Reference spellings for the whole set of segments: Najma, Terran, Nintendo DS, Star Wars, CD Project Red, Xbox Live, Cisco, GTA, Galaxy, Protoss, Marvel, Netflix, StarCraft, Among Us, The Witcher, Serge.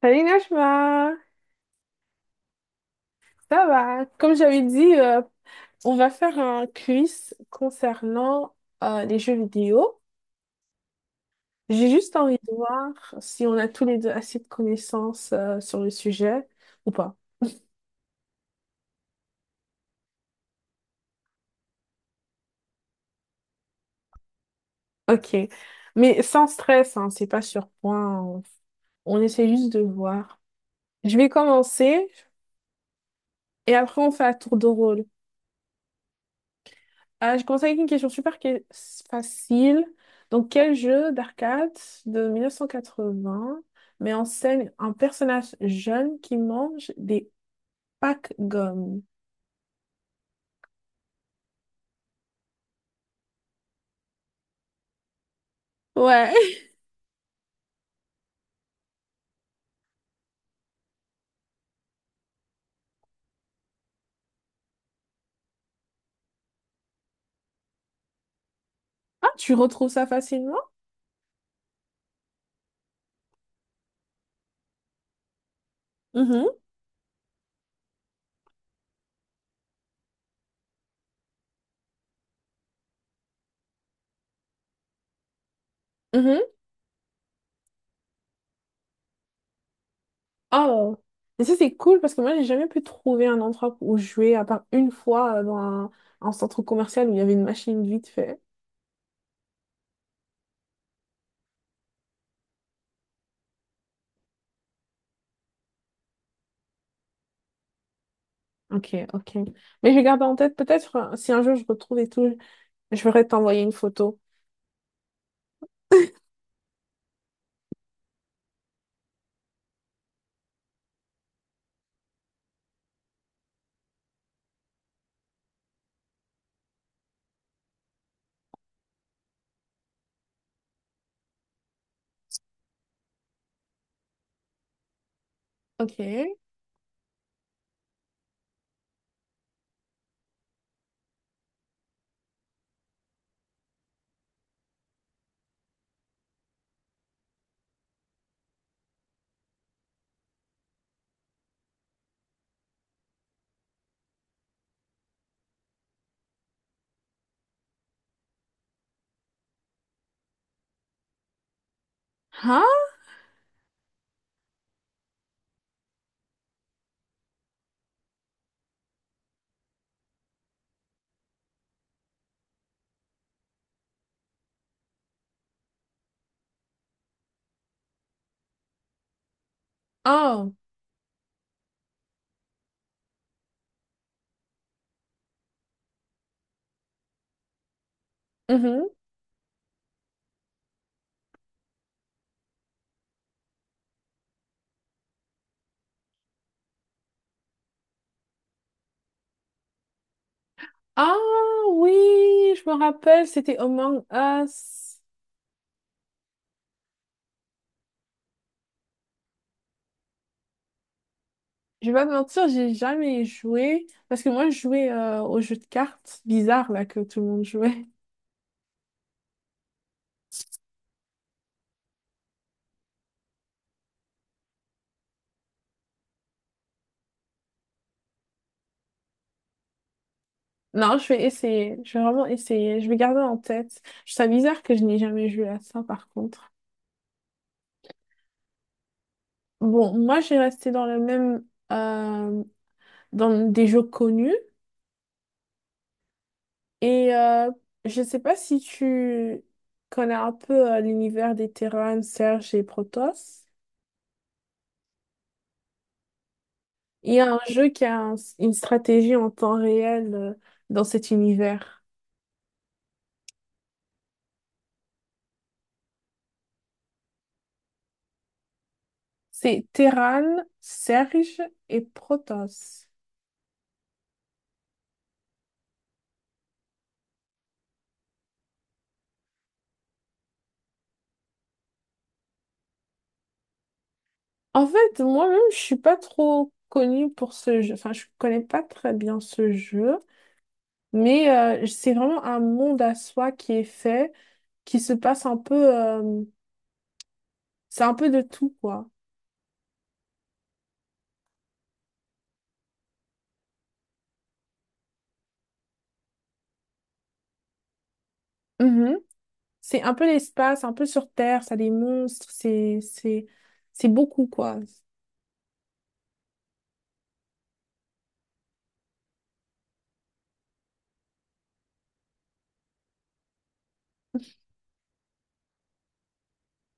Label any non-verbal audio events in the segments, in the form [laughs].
Salut Najma, ça va? Comme j'avais dit, on va faire un quiz concernant les jeux vidéo. J'ai juste envie de voir si on a tous les deux assez de connaissances sur le sujet ou pas. Ok, mais sans stress, hein, c'est pas sur point. On essaie juste de voir. Je vais commencer et après on fait un tour de rôle. Ah, je commence avec une question super qui est facile. Donc, quel jeu d'arcade de 1980 met en scène un personnage jeune qui mange des packs gommes? Ouais. [laughs] Ah, tu retrouves ça facilement? Mhm, mhm. Oh, et ça c'est cool parce que moi j'ai jamais pu trouver un endroit où jouer à part une fois dans un centre commercial où il y avait une machine vite fait. Ok, ok. Mais je vais garder en tête, peut-être si un jour je retrouve et tout, je vais t'envoyer une photo. Ok. Hein? Oh. Mhm. Ah oui, je me rappelle, c'était Among Us. Je vais pas te mentir, j'ai jamais joué parce que moi je jouais au jeu de cartes bizarre là que tout le monde jouait. [laughs] Non, je vais essayer, je vais vraiment essayer, je vais garder en tête. Je trouve ça bizarre que je n'ai jamais joué à ça par contre. Bon, moi j'ai resté dans le même euh, dans des jeux connus. Et je sais pas si tu connais un peu l'univers des Terran, Serge et Protoss. Il y a un jeu qui a une stratégie en temps réel dans cet univers. C'est Terran, Serge et Protoss. En fait, moi-même, je suis pas trop connue pour ce jeu. Enfin, je connais pas très bien ce jeu, mais c'est vraiment un monde à soi qui est fait, qui se passe un peu. C'est un peu de tout, quoi. Mhm. C'est un peu l'espace, un peu sur Terre, ça a des monstres, c'est c'est beaucoup quoi.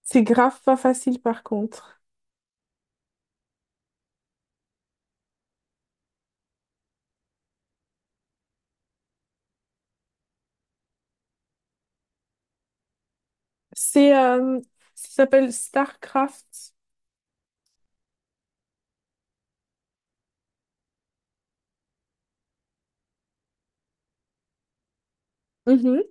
C'est grave pas facile par contre. C'est ça s'appelle StarCraft. Mhm.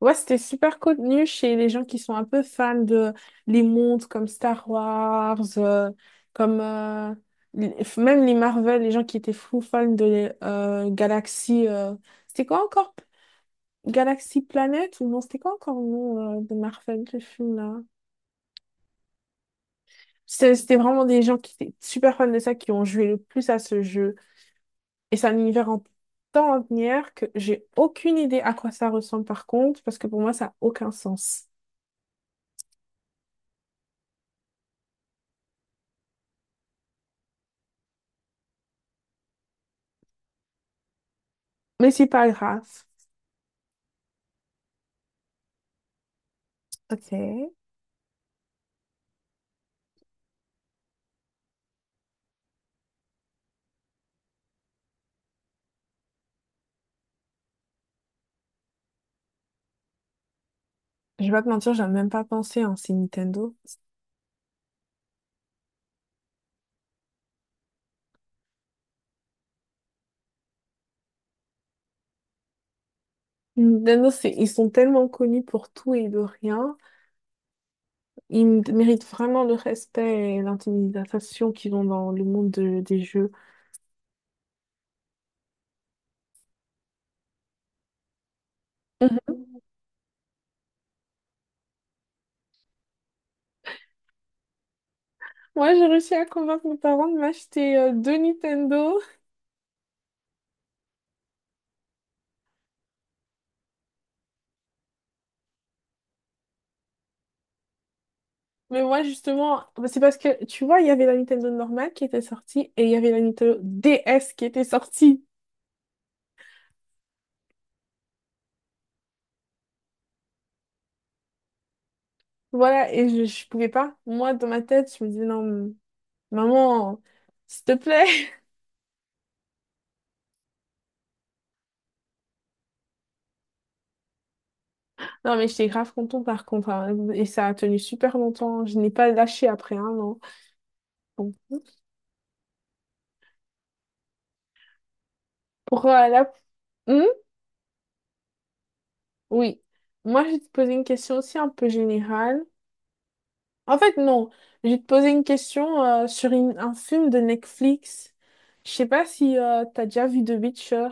Ouais, c'était super connu chez les gens qui sont un peu fans de les montres comme Star Wars, comme même les Marvel, les gens qui étaient fous fans de les, Galaxy. C'était quoi encore? Galaxy Planet ou non? C'était quoi encore le nom de Marvel, ce film-là? C'était vraiment des gens qui étaient super fans de ça, qui ont joué le plus à ce jeu. Et c'est un univers en tant linéaire que j'ai aucune idée à quoi ça ressemble par contre, parce que pour moi, ça n'a aucun sens. Mais c'est pas grave. Ok. Je vais pas te mentir, j'ai même pas pensé, hein, c'est Nintendo. Nintendo, c'est, ils sont tellement connus pour tout et de rien. Ils méritent vraiment le respect et l'intimidation qu'ils ont dans le monde des jeux. Mhm. Moi, j'ai réussi à convaincre mes parents de m'acheter deux Nintendo. Mais moi, justement, bah, c'est parce que, tu vois, il y avait la Nintendo normale qui était sortie et il y avait la Nintendo DS qui était sortie. Voilà, et je pouvais pas. Moi, dans ma tête, je me disais, non, maman, s'il te plaît. [laughs] Non, mais j'étais grave contente par contre, hein. Et ça a tenu super longtemps. Je n'ai pas lâché après un an. Bon. Pour la... Hmm. Oui. Moi, je vais te poser une question aussi un peu générale. En fait, non. Je vais te poser une question sur un film de Netflix. Je sais pas si t'as déjà vu The Witcher.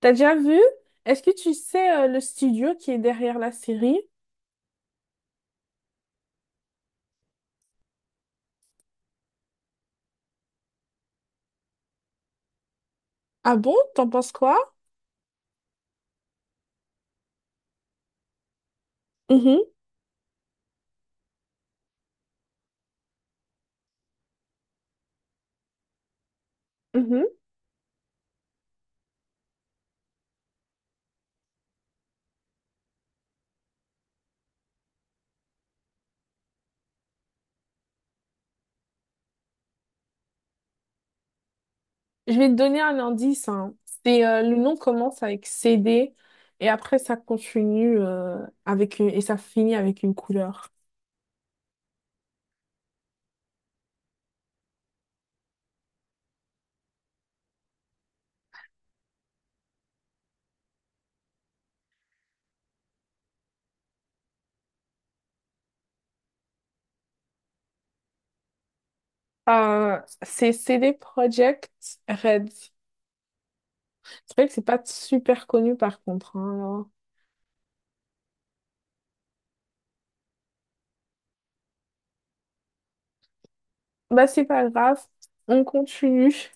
T'as déjà vu? Est-ce que tu sais le studio qui est derrière la série? Ah bon? T'en penses quoi? Mhm, mhm. Je vais te donner un indice, hein. C'est le nom commence avec CD et après ça continue avec une, et ça finit avec une couleur. C'est CD Project Red. C'est vrai que c'est pas super connu par contre, hein. Bah, c'est pas grave, on continue.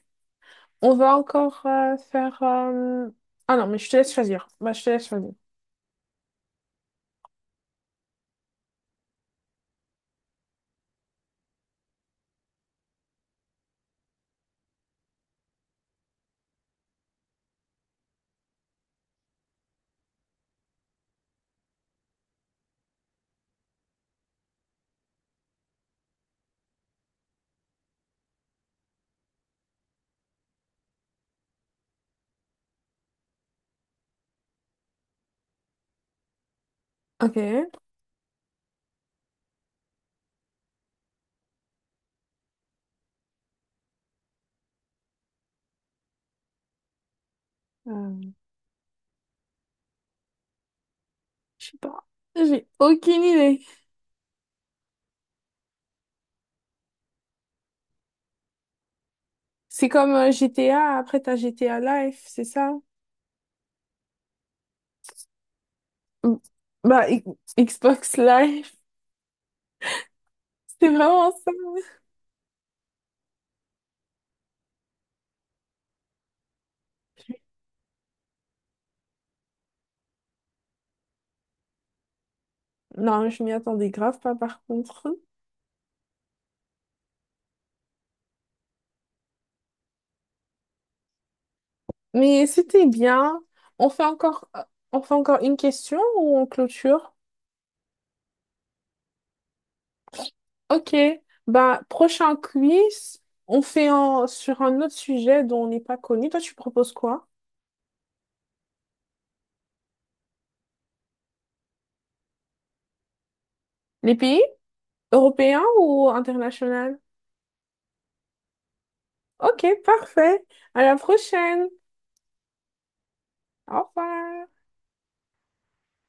On va encore faire. Ah non, mais je te laisse choisir. Bah, je te laisse choisir. Ok. Euh, je sais pas. J'ai aucune idée. C'est comme GTA, après t'as GTA Live, c'est ça? Mm. Bah, Xbox Live, [laughs] c'est vraiment ça. Non, je m'y attendais grave pas par contre. Mais c'était bien. On fait encore, euh, on fait encore une question ou on clôture? Ok, bah prochain quiz, on fait sur un autre sujet dont on n'est pas connu. Toi, tu proposes quoi? Les pays européens ou internationaux? Ok, parfait. À la prochaine. Au revoir.